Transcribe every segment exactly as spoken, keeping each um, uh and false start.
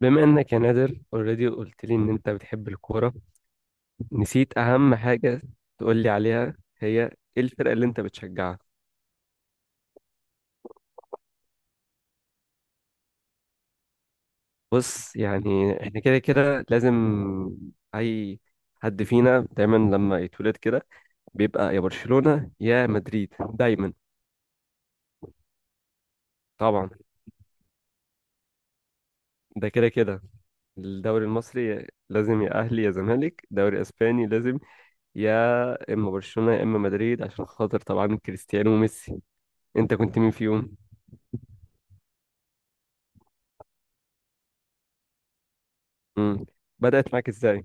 بما انك يا نادر اوريدي قلت لي ان انت بتحب الكوره، نسيت اهم حاجه. تقول لي عليها، هي ايه الفرقه اللي انت بتشجعها؟ بص، يعني احنا كده كده لازم... اي حد فينا دايما لما يتولد كده بيبقى يا برشلونه يا مدريد دايما. طبعا، ده كده كده الدوري المصري لازم يا اهلي يا زمالك، دوري اسباني لازم يا اما برشلونه يا اما مدريد عشان خاطر طبعا كريستيانو وميسي. انت كنت مين فيهم؟ امم بدأت معاك ازاي؟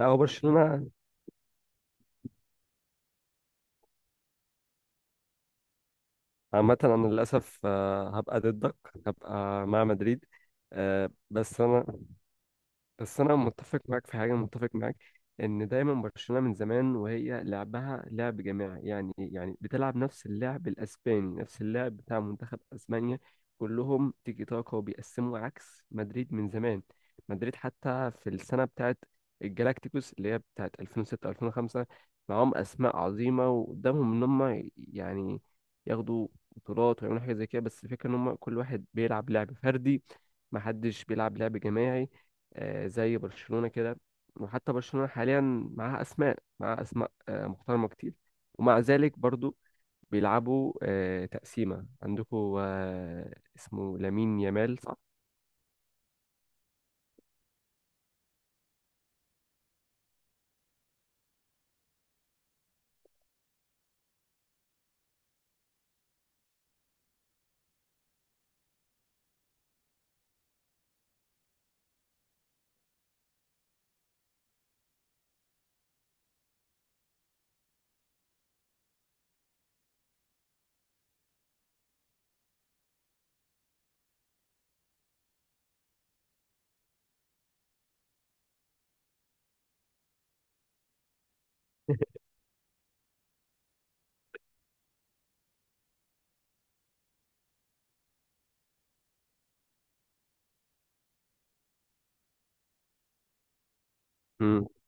لا، هو برشلونة. عامة أنا للأسف آه، هبقى ضدك. هبقى مع مدريد. آه، بس أنا... بس انا متفق معاك في حاجه، متفق معاك ان دايما برشلونه من زمان وهي لعبها لعب جماعي، يعني يعني بتلعب نفس اللعب الاسباني، نفس اللعب بتاع منتخب اسبانيا. كلهم تيكي تاكا وبيقسموا، عكس مدريد من زمان. مدريد حتى في السنه بتاعت الجالاكتيكوس، اللي هي بتاعت ألفين وستة ألفين وخمسة، معاهم اسماء عظيمه وقدامهم ان هم يعني ياخدوا بطولات ويعملوا حاجه زي كده، بس الفكره ان هم كل واحد بيلعب لعب فردي، محدش بيلعب لعب جماعي آه، زي برشلونة كده. وحتى برشلونة حاليا معاها أسماء معاها أسماء آه، محترمة كتير، ومع ذلك برضو بيلعبوا آه، تقسيمة. عندكم آه، اسمه لامين يامال، صح؟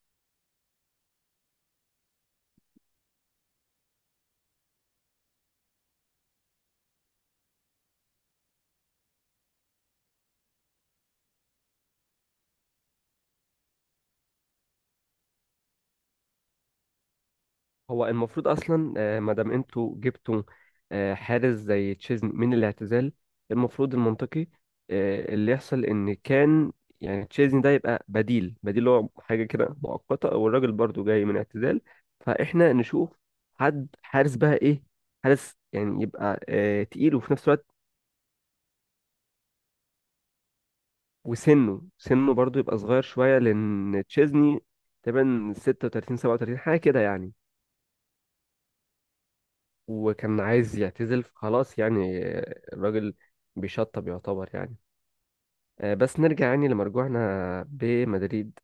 هو المفروض اصلا، آه، ما دام انتوا جبتوا آه، حارس زي تشيزني من الاعتزال، المفروض المنطقي آه، اللي يحصل ان كان يعني تشيزني ده يبقى بديل بديل هو حاجه كده مؤقته، والراجل برضو جاي من اعتزال، فاحنا نشوف حد حارس بقى، ايه حارس يعني يبقى آه، تقيل، وفي نفس الوقت وسنه سنه برضو يبقى صغير شويه، لان تشيزني تقريبا ستة وتلاتين سبعة وتلاتين حاجه كده يعني. وكان عايز يعتزل فخلاص يعني، الراجل بيشطب يعتبر يعني. آه، بس نرجع يعني لمرجوعنا بمدريد،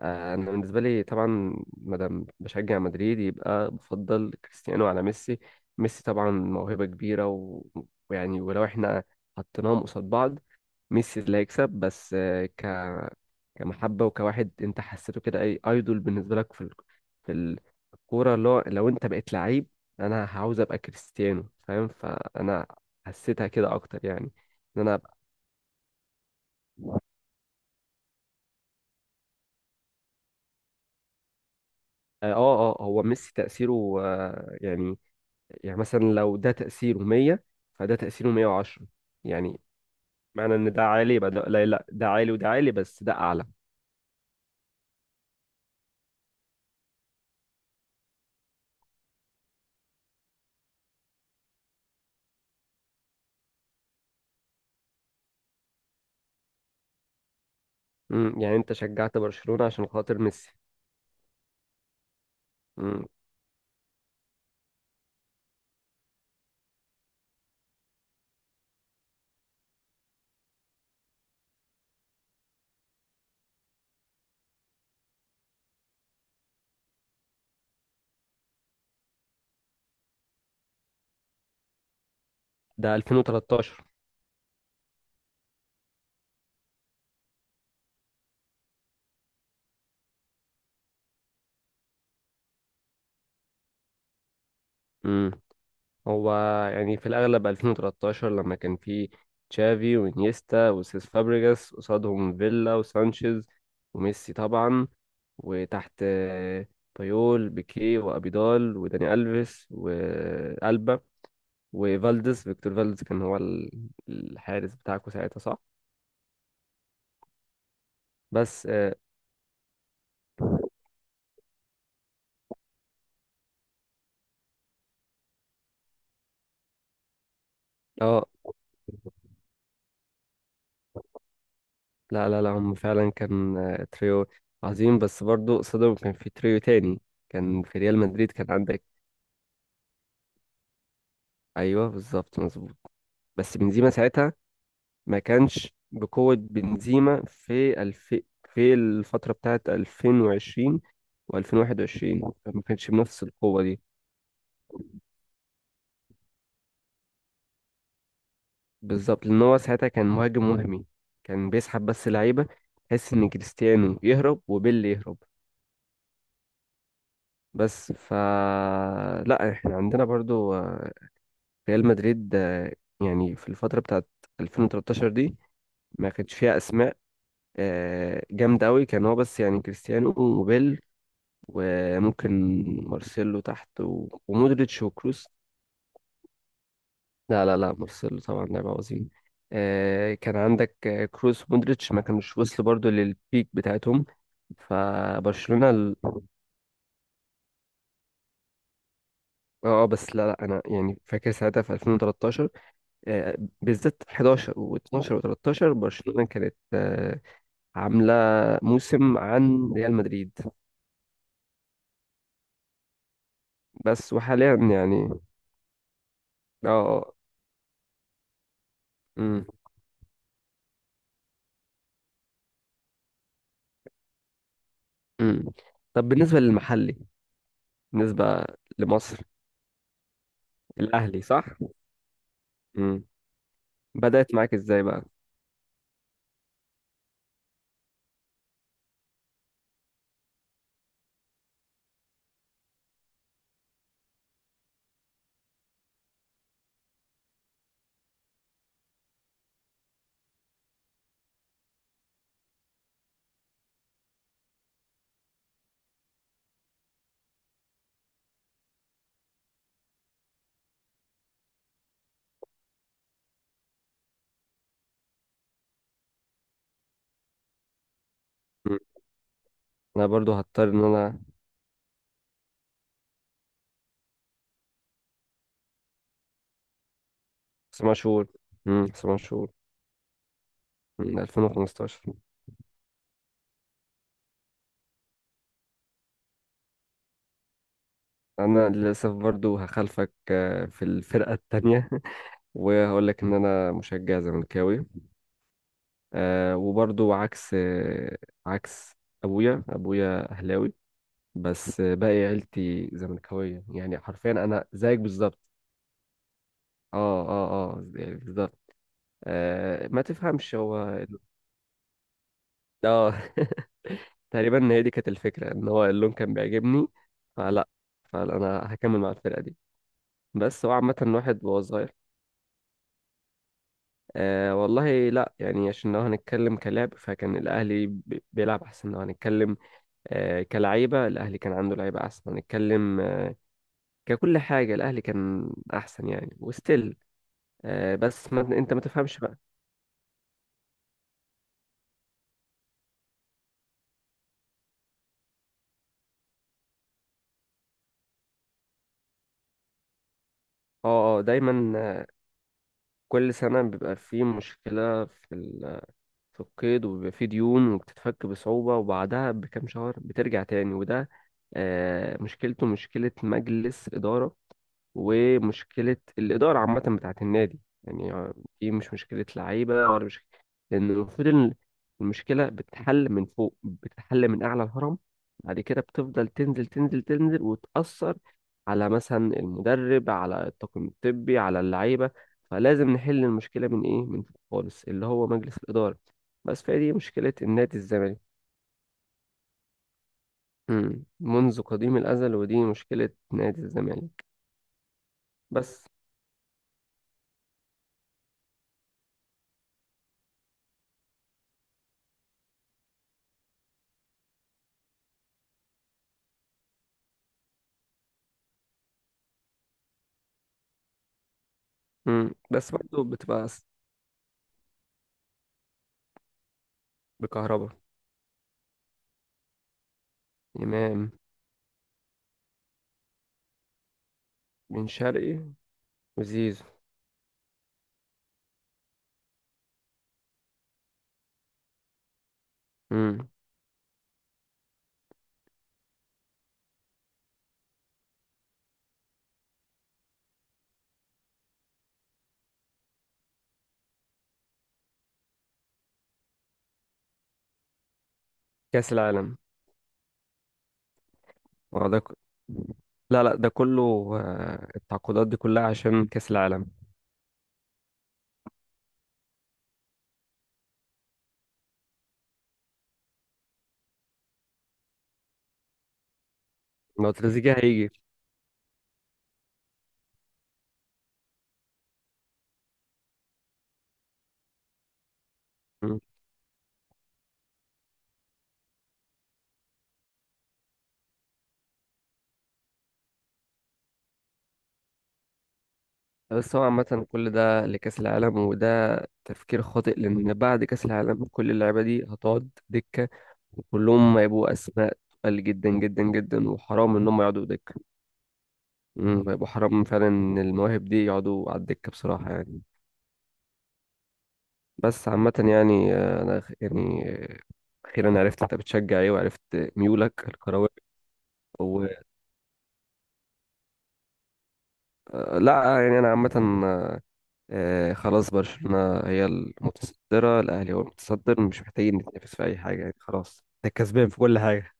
آه، انا بالنسبه لي طبعا مادام بشجع مدريد يبقى بفضل كريستيانو على ميسي. ميسي طبعا موهبه كبيره و- ويعني ولو احنا حطيناهم قصاد بعض، ميسي اللي هيكسب، بس آه، ك كمحبة وكواحد انت حسيته كده، اي ايدول بالنسبة لك في ال... في ال- الكورة، اللي هو لو انت بقيت لعيب انا هعوز ابقى كريستيانو، فاهم؟ فانا حسيتها كده اكتر يعني، ان انا ابقى. اه اه آه، هو ميسي تأثيره آه يعني، يعني مثلا لو ده تأثيره مية، فده تأثيره مية وعشرة. يعني معنى ان ده عالي؟ يبقى ده لا لا، ده عالي وده عالي، بس ده اعلى. امم يعني انت شجعت برشلونة عشان خاطر ميسي. امم ده ألفين وتلتاشر. امم هو يعني في الأغلب ألفين وتلتاشر لما كان في تشافي وانيستا وسيس فابريجاس، قصادهم فيلا وسانشيز وميسي طبعا، وتحت آه، بايول بيكيه وأبيدال وداني ألفيس وألبا. وفالديز، فيكتور فالديز، كان هو ال- الحارس بتاعكم ساعتها، صح؟ بس اه آه، لا لا لا، هم فعلا كان آه، تريو عظيم، بس برضو قصادهم كان في تريو تاني، كان في ريال مدريد، كان عندك... ايوه بالظبط، مظبوط. بس بنزيما ساعتها ما كانش بقوة بنزيما في الف... في الفترة بتاعت ألفين وعشرين وألفين وواحد وعشرين ما كانش بنفس القوة دي. بالظبط، لأن هو ساعتها كان مهاجم وهمي، كان بيسحب بس لعيبة، تحس إن كريستيانو يهرب وبيل يهرب. بس ف لا، احنا عندنا برضو آه، ريال مدريد آه، يعني في الفترة بتاعت ألفين وتلتاشر دي ما كانش فيها أسماء آه، جامدة أوي، كان هو بس يعني كريستيانو وبيل، وممكن مارسيلو تحت و... ومودريتش وكروس. لا لا لا، مارسيلو طبعا لاعب عظيم. آه كان عندك آه، كروس ومودريتش ما كانوش وصلوا برضو للبيك بتاعتهم. فبرشلونة ال- اه، بس لا لا، انا يعني فاكر ساعتها في ألفين وثلاثة عشر آه، بالذات حداشر واتناشر وثلاثة عشر برشلونة كانت آه، عاملة موسم عن ريال مدريد. بس وحاليا يعني اه آه، مم. مم. طب بالنسبة للمحلي، بالنسبة لمصر. الاهلي، صح. امم بدأت معاك ازاي بقى؟ مم. انا برضو هضطر ان انا... سما شهور، امم سما شهور. من ألفين وخمستاشر. انا للاسف برضو هخالفك آه، في الفرقة التانية. وهقول لك ان انا مشجع زملكاوي، آه، وبرضو عكس آه، عكس ابويا. ابويا اهلاوي بس، آه، باقي عيلتي زملكاوية، يعني حرفيا انا زيك بالظبط. اه اه اه، يعني بالظبط. آه، ما تفهمش هو... اه. تقريبا هي دي كانت الفكرة، ان هو اللون كان بيعجبني، فلا. فانا هكمل مع الفرقة دي. بس هو عامة الواحد وهو صغير... آه والله لا، يعني عشان لو هنتكلم كلاعب فكان الاهلي بي- بيلعب احسن، لو هنتكلم آه كلعيبة الاهلي كان عنده لعيبة احسن، هنتكلم آه ككل حاجة الاهلي كان احسن يعني. وستيل آه، بس ما انت ما تفهمش بقى. اه اه، دايما آه، كل سنة بيبقى في مشكلة في في القيد، وبيبقى فيه ديون وبتتفك بصعوبة، وبعدها بكام شهر بترجع تاني. وده آه، مشكلته مشكلة مجلس إدارة، ومشكلة الإدارة عامة بتاعت النادي يعني. دي مش مشكلة لعيبة، ولا مش... لأن المفروض إن المشكلة بتتحل من فوق، بتتحل من أعلى الهرم، بعد كده بتفضل تنزل تنزل تنزل وتأثر على مثلا المدرب، على الطاقم الطبي، على اللعيبة. فلازم نحل المشكلة من إيه؟ من فوق خالص، اللي هو مجلس الإدارة. بس فهي دي مشكلة النادي الزمالك. مم. منذ قديم الأزل، ودي مشكلة نادي الزمالك. بس. مم. بس برضه بتبقى بكهربا، إمام، بن شرقي، وزيزو. مم. كأس العالم. اه ده ك- لا لا، ده كله آه، التعاقدات دي كلها عشان كأس العالم. لو تريزيجيه هيجي... مم. بس هو عامة كل ده لكأس العالم، وده تفكير خاطئ، لأن بعد كأس العالم كل اللعيبة دي هتقعد دكة، وكلهم هيبقوا أسماء تقل جدا جدا جدا، وحرام إنهم يقعدوا دكة. مم، هيبقوا حرام فعلا إن المواهب دي يقعدوا على الدكة بصراحة يعني. بس عامة يعني آه، أنا خ- يعني آه، أخيرا عرفت أنت بتشجع إيه، وعرفت ميولك الكروية. و آه، لا يعني أنا عامة آه، آه، خلاص، برشلونة هي المتصدرة، الأهلي هو المتصدر، مش محتاجين نتنافس في أي حاجة يعني، خلاص ده كسبان في كل حاجة.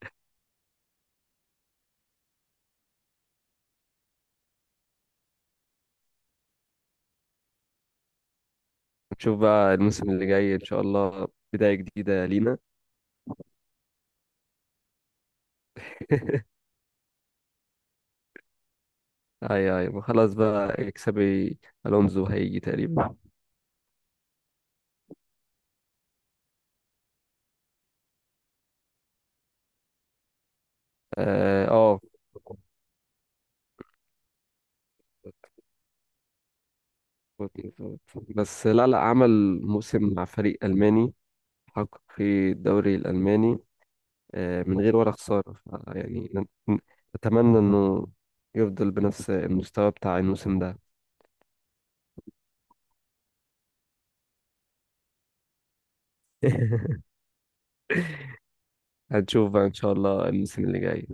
نشوف بقى الموسم اللي جاي إن شاء الله، بداية جديدة لينا. أي أي خلاص بقى، اكسبي ألونزو هيجي تقريبا. آه آه، بس لا لا، عمل موسم مع فريق ألماني، حقق في الدوري الألماني آه، من غير ولا خسارة، ف- يعني ن- أتمنى إنه يفضل بنفس المستوى بتاع الموسم ده. هنشوف بقى إن شاء الله الموسم اللي جاي.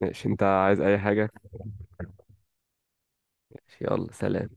ماشي. أنت عايز أي حاجة؟ ماشي، يلا سلام.